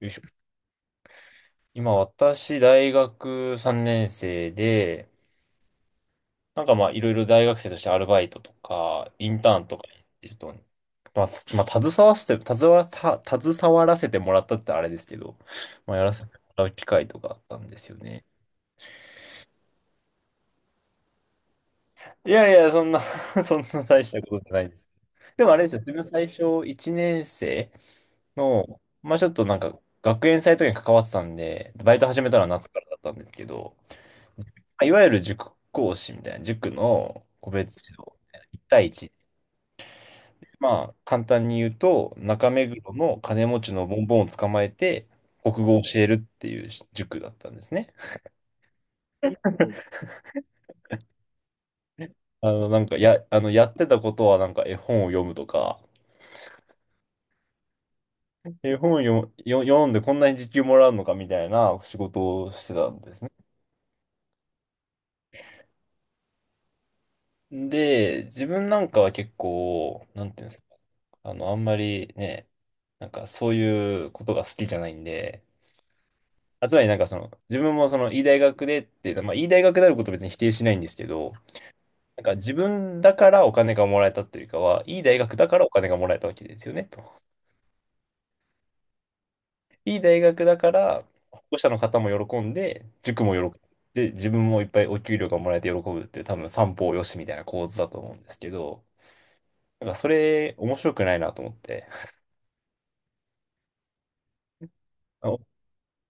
よいしょ。今、私、大学3年生で、なんかまあ、いろいろ大学生としてアルバイトとか、インターンとかに、ちょっと、まあ、まあ、携わらせてもらったって言ったらあれですけど、まあ、やらせてもらう機会とかあったんですよね。いやいや、そんな そんな大したことじゃないですけど。でもあれですよ、自分最初、1年生の、まあ、ちょっとなんか、学園祭とかに関わってたんで、バイト始めたのは夏からだったんですけど、いわゆる塾講師みたいな、塾の個別指導みたいな、1対1。まあ、簡単に言うと、中目黒の金持ちのボンボンを捕まえて、国語を教えるっていう塾だったんですね。あの、なんか、や、あの、やってたことは、なんか、絵本を読むとか、絵本を読んでこんなに時給もらうのかみたいな仕事をしてたんですね。で、自分なんかは結構、なんていうんですか、あの、あんまりね、なんか、そういうことが好きじゃないんで、つまりなんかその、自分もその、いい大学でっていうのは、まあ、いい大学であることを別に否定しないんですけど、なんか自分だからお金がもらえたっていうよりかは、いい大学だからお金がもらえたわけですよね、と。いい大学だから、保護者の方も喜んで、塾も喜んで、自分もいっぱいお給料がもらえて喜ぶっていう、多分三方よしみたいな構図だと思うんですけど、なんかそれ面白くないなと思って。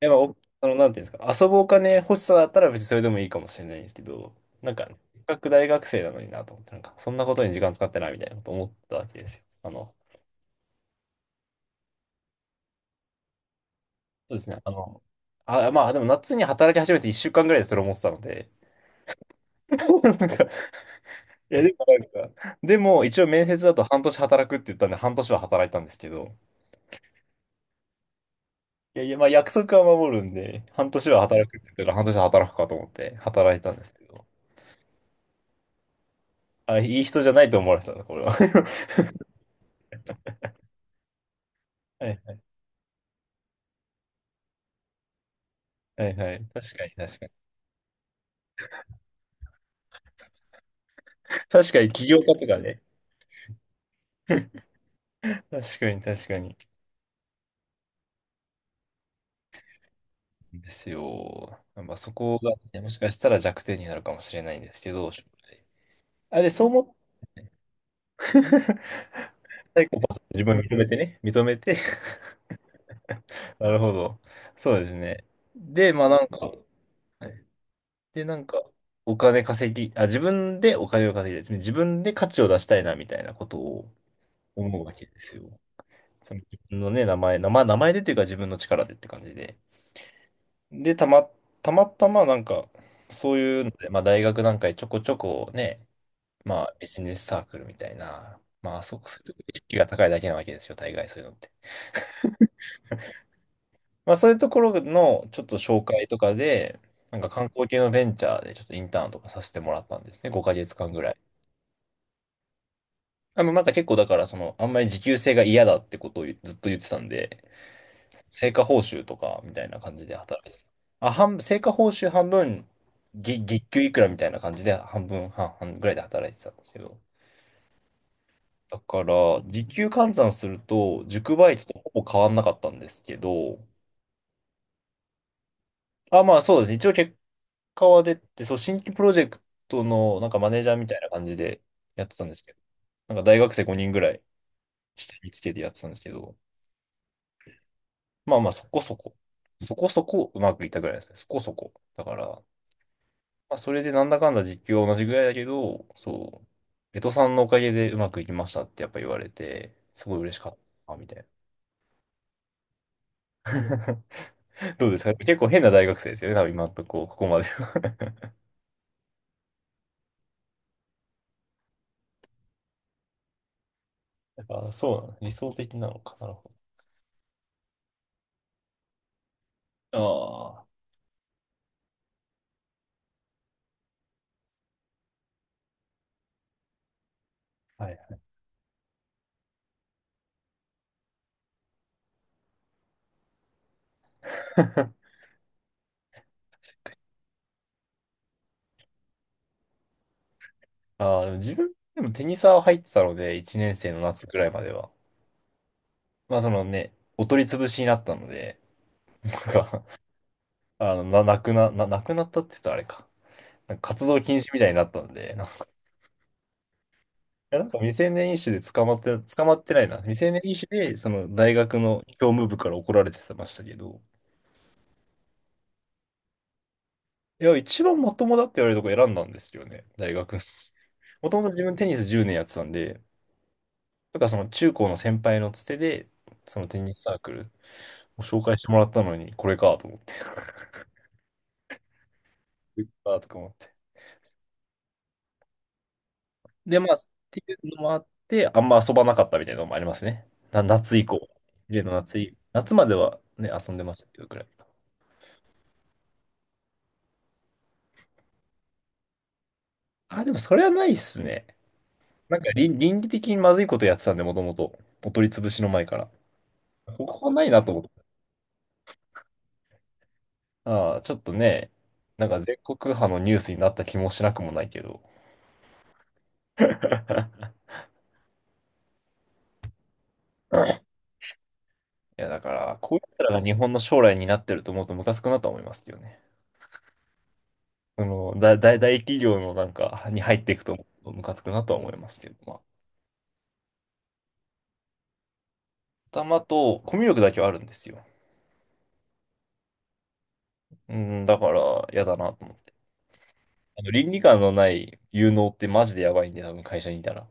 やっぱお、あの、なんていうんですか、遊ぶお金欲しさだったら別にそれでもいいかもしれないんですけど、なんか、せっかく大学生なのになと思って、なんか、そんなことに時間使ってないみたいなこと思ったわけですよ。あの、そうですね、まあ、でも夏に働き始めて1週間ぐらいでそれ思ってたので、なんか、いや、でもなんか、でも一応面接だと半年働くって言ったんで、半年は働いたんですけど、いやいや、まあ約束は守るんで、半年は働くって言ったから半年は働くかと思って働いたんですけど、いい人じゃないと思われてたな、これは。はいはいはい。確かに確かに。確かに起業家とかね。確かに確かに。ですよ。まあそこがね、もしかしたら弱点になるかもしれないんですけど、将来。 で、そう思ってね、サイコパス自分を認めてね、認めて。 なるほど。そうですね。で、まあなんか、はい。で、なんか、お金稼ぎ、あ、自分でお金を稼ぎたい。つまり自分で価値を出したいな、みたいなことを思うわけですよ。その自分のね、名前でというか自分の力でって感じで。で、たまたまなんか、そういうので、まあ大学なんかでちょこちょこね、まあビジネスサークルみたいな、そういうとこ意識が高いだけなわけですよ、大概そういうのって。まあそういうところのちょっと紹介とかで、なんか観光系のベンチャーでちょっとインターンとかさせてもらったんですね、5ヶ月間ぐらい。あの、なんか結構だから、その、あんまり時給制が嫌だってことをずっと言ってたんで、成果報酬とかみたいな感じで働いてた。成果報酬半分、月給いくらみたいな感じで半分、半々ぐらいで働いてたんですけど。だから、時給換算すると、塾バイトとほぼ変わんなかったんですけど、まあそうですね。一応結果は出て、そう、新規プロジェクトのなんかマネージャーみたいな感じでやってたんですけど、なんか大学生5人ぐらい下につけてやってたんですけど、まあまあそこそこ、そこそこうまくいったぐらいですね。そこそこ。だから、まあ、それでなんだかんだ実況は同じぐらいだけど、そう、江戸さんのおかげでうまくいきましたってやっぱ言われて、すごい嬉しかったみたいな。どうですか、結構変な大学生ですよね、多分今のとこ、ここまでは。そうなの、理想的なのか。なるほど。ああ、はい。ああ、でも自分、でもテニサー入ってたので、1年生の夏くらいまでは。まあ、そのね、お取り潰しになったので、なんか、なくなったって言ったらあれか。なんか活動禁止みたいになったので、いや、なんか未成年医師で捕まって、捕まってないな。未成年医師で、その大学の教務部から怒られてましたけど、いや、一番まともだって言われるとこ選んだんですよね、大学。もともと自分テニス10年やってたんで、だからその中高の先輩のつてで、そのテニスサークルを紹介してもらったのに、これかと思って、これかとか思って。で、まあ、っていうのもあって、あんま遊ばなかったみたいなのもありますね。夏以降。例の夏まではね、遊んでましたけど、ぐらい。でもそれはないっすね。なんか倫理的にまずいことやってたんで、もともと。お取り潰しの前から。ここはないなと思って。ああ、ちょっとね、なんか全国派のニュースになった気もしなくもないけど。いや、だから、こういう人らが日本の将来になってると思うとムカつくなとは思いますけどね。その、大企業のなんかに入っていくと思うとムカつくなとは思いますけど、まあ、頭とコミュ力だけはあるんですよ。うん、だから、嫌だなと思って。あの、倫理観のない有能ってマジでやばいんで、多分会社にいたら。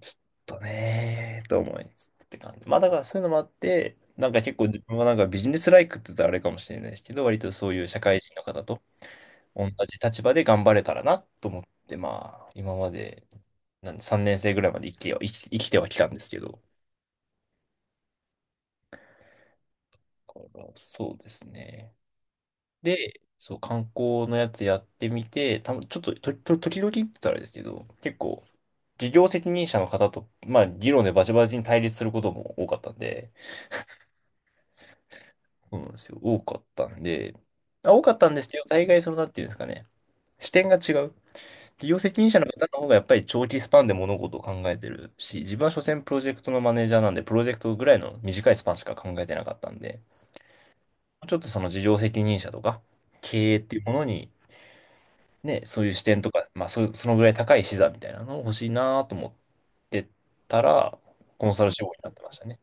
ちょっとねーと思いつつって感じ。まあだからそういうのもあって、なんか結構自分はなんかビジネスライクって言ったらあれかもしれないですけど、割とそういう社会人の方と同じ立場で頑張れたらなと思って、まあ今まで3年生ぐらいまで生きてはきたんですけど、だからそうですね。で、そう、観光のやつやってみて、たぶんちょっと、時々って言ったらあれですけど、結構、事業責任者の方と、まあ、議論でバチバチに対立することも多かったんで、そうなんですよ。多かったんで、多かったんですけど、大概その、なんていうんですかね。視点が違う。企業責任者の方の方がやっぱり長期スパンで物事を考えてるし、自分は所詮プロジェクトのマネージャーなんで、プロジェクトぐらいの短いスパンしか考えてなかったんで、ちょっとその事業責任者とか、経営っていうものに、ね、そういう視点とか、まあそのぐらい高い視座みたいなのを欲しいなと思ってたら、コンサル志望になってましたね。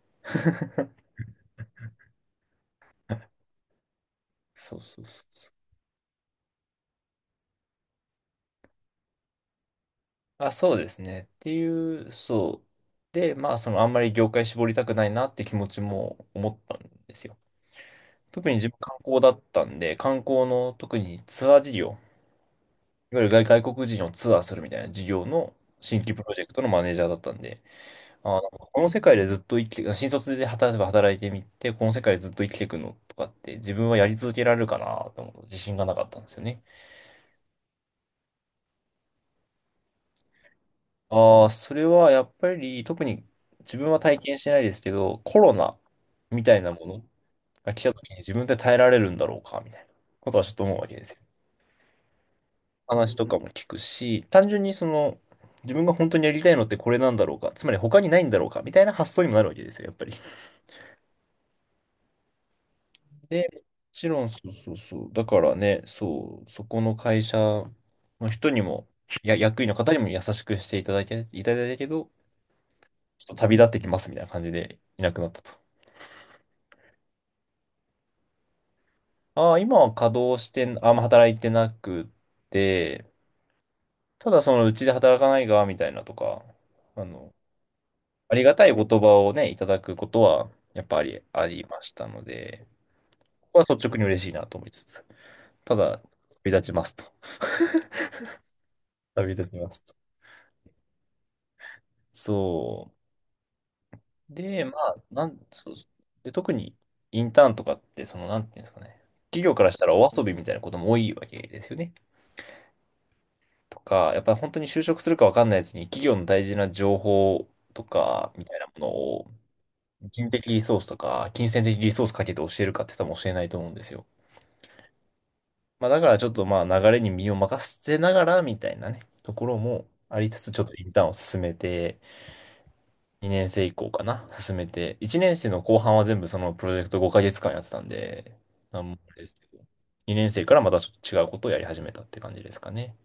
そうそうそう。あ、そうですね。っていう、そう。で、まあ、その、あんまり業界絞りたくないなって気持ちも思ったんですよ。特に自分観光だったんで、観光の特にツアー事業、いわゆる外国人をツアーするみたいな事業の新規プロジェクトのマネージャーだったんで、あー、この世界でずっと生きて、新卒で働例えば働いてみて、この世界でずっと生きていくのとかって自分はやり続けられるかなと思う自信がなかったんですよね。ああ、それはやっぱり特に自分は体験してないですけど、コロナみたいなものが来た時に自分で耐えられるんだろうかみたいなことはちょっと思うわけですよ。話とかも聞くし、単純にその自分が本当にやりたいのってこれなんだろうか、つまり他にないんだろうかみたいな発想にもなるわけですよ、やっぱり。で、もちろんそうそうそう。だからね、そう、そこの会社の人にも、や、役員の方にも優しくしていただけ、いただいたけど、ちょっと旅立ってきますみたいな感じでいなくなったと。ああ、今は稼働してん、あんま働いてなくて、ただそのうちで働かないが、みたいなとか、あの、ありがたい言葉をね、いただくことは、やっぱりありましたので、ここは率直に嬉しいなと思いつつ、ただ、旅立ちますと。旅立ちますと。そう。で、まあ、そうそう。で、特にインターンとかって、その、なんていうんですかね、企業からしたらお遊びみたいなことも多いわけですよね。とか、やっぱり本当に就職するかわかんないやつに企業の大事な情報とか、みたいなものを、人的リソースとか、金銭的リソースかけて教えるかって多分教えないと思うんですよ。まあだからちょっとまあ流れに身を任せながらみたいなね、ところもありつつ、ちょっとインターンを進めて、2年生以降かな、進めて、1年生の後半は全部そのプロジェクト5ヶ月間やってたんで、なんもあれですけど、2年生からまたちょっと違うことをやり始めたって感じですかね。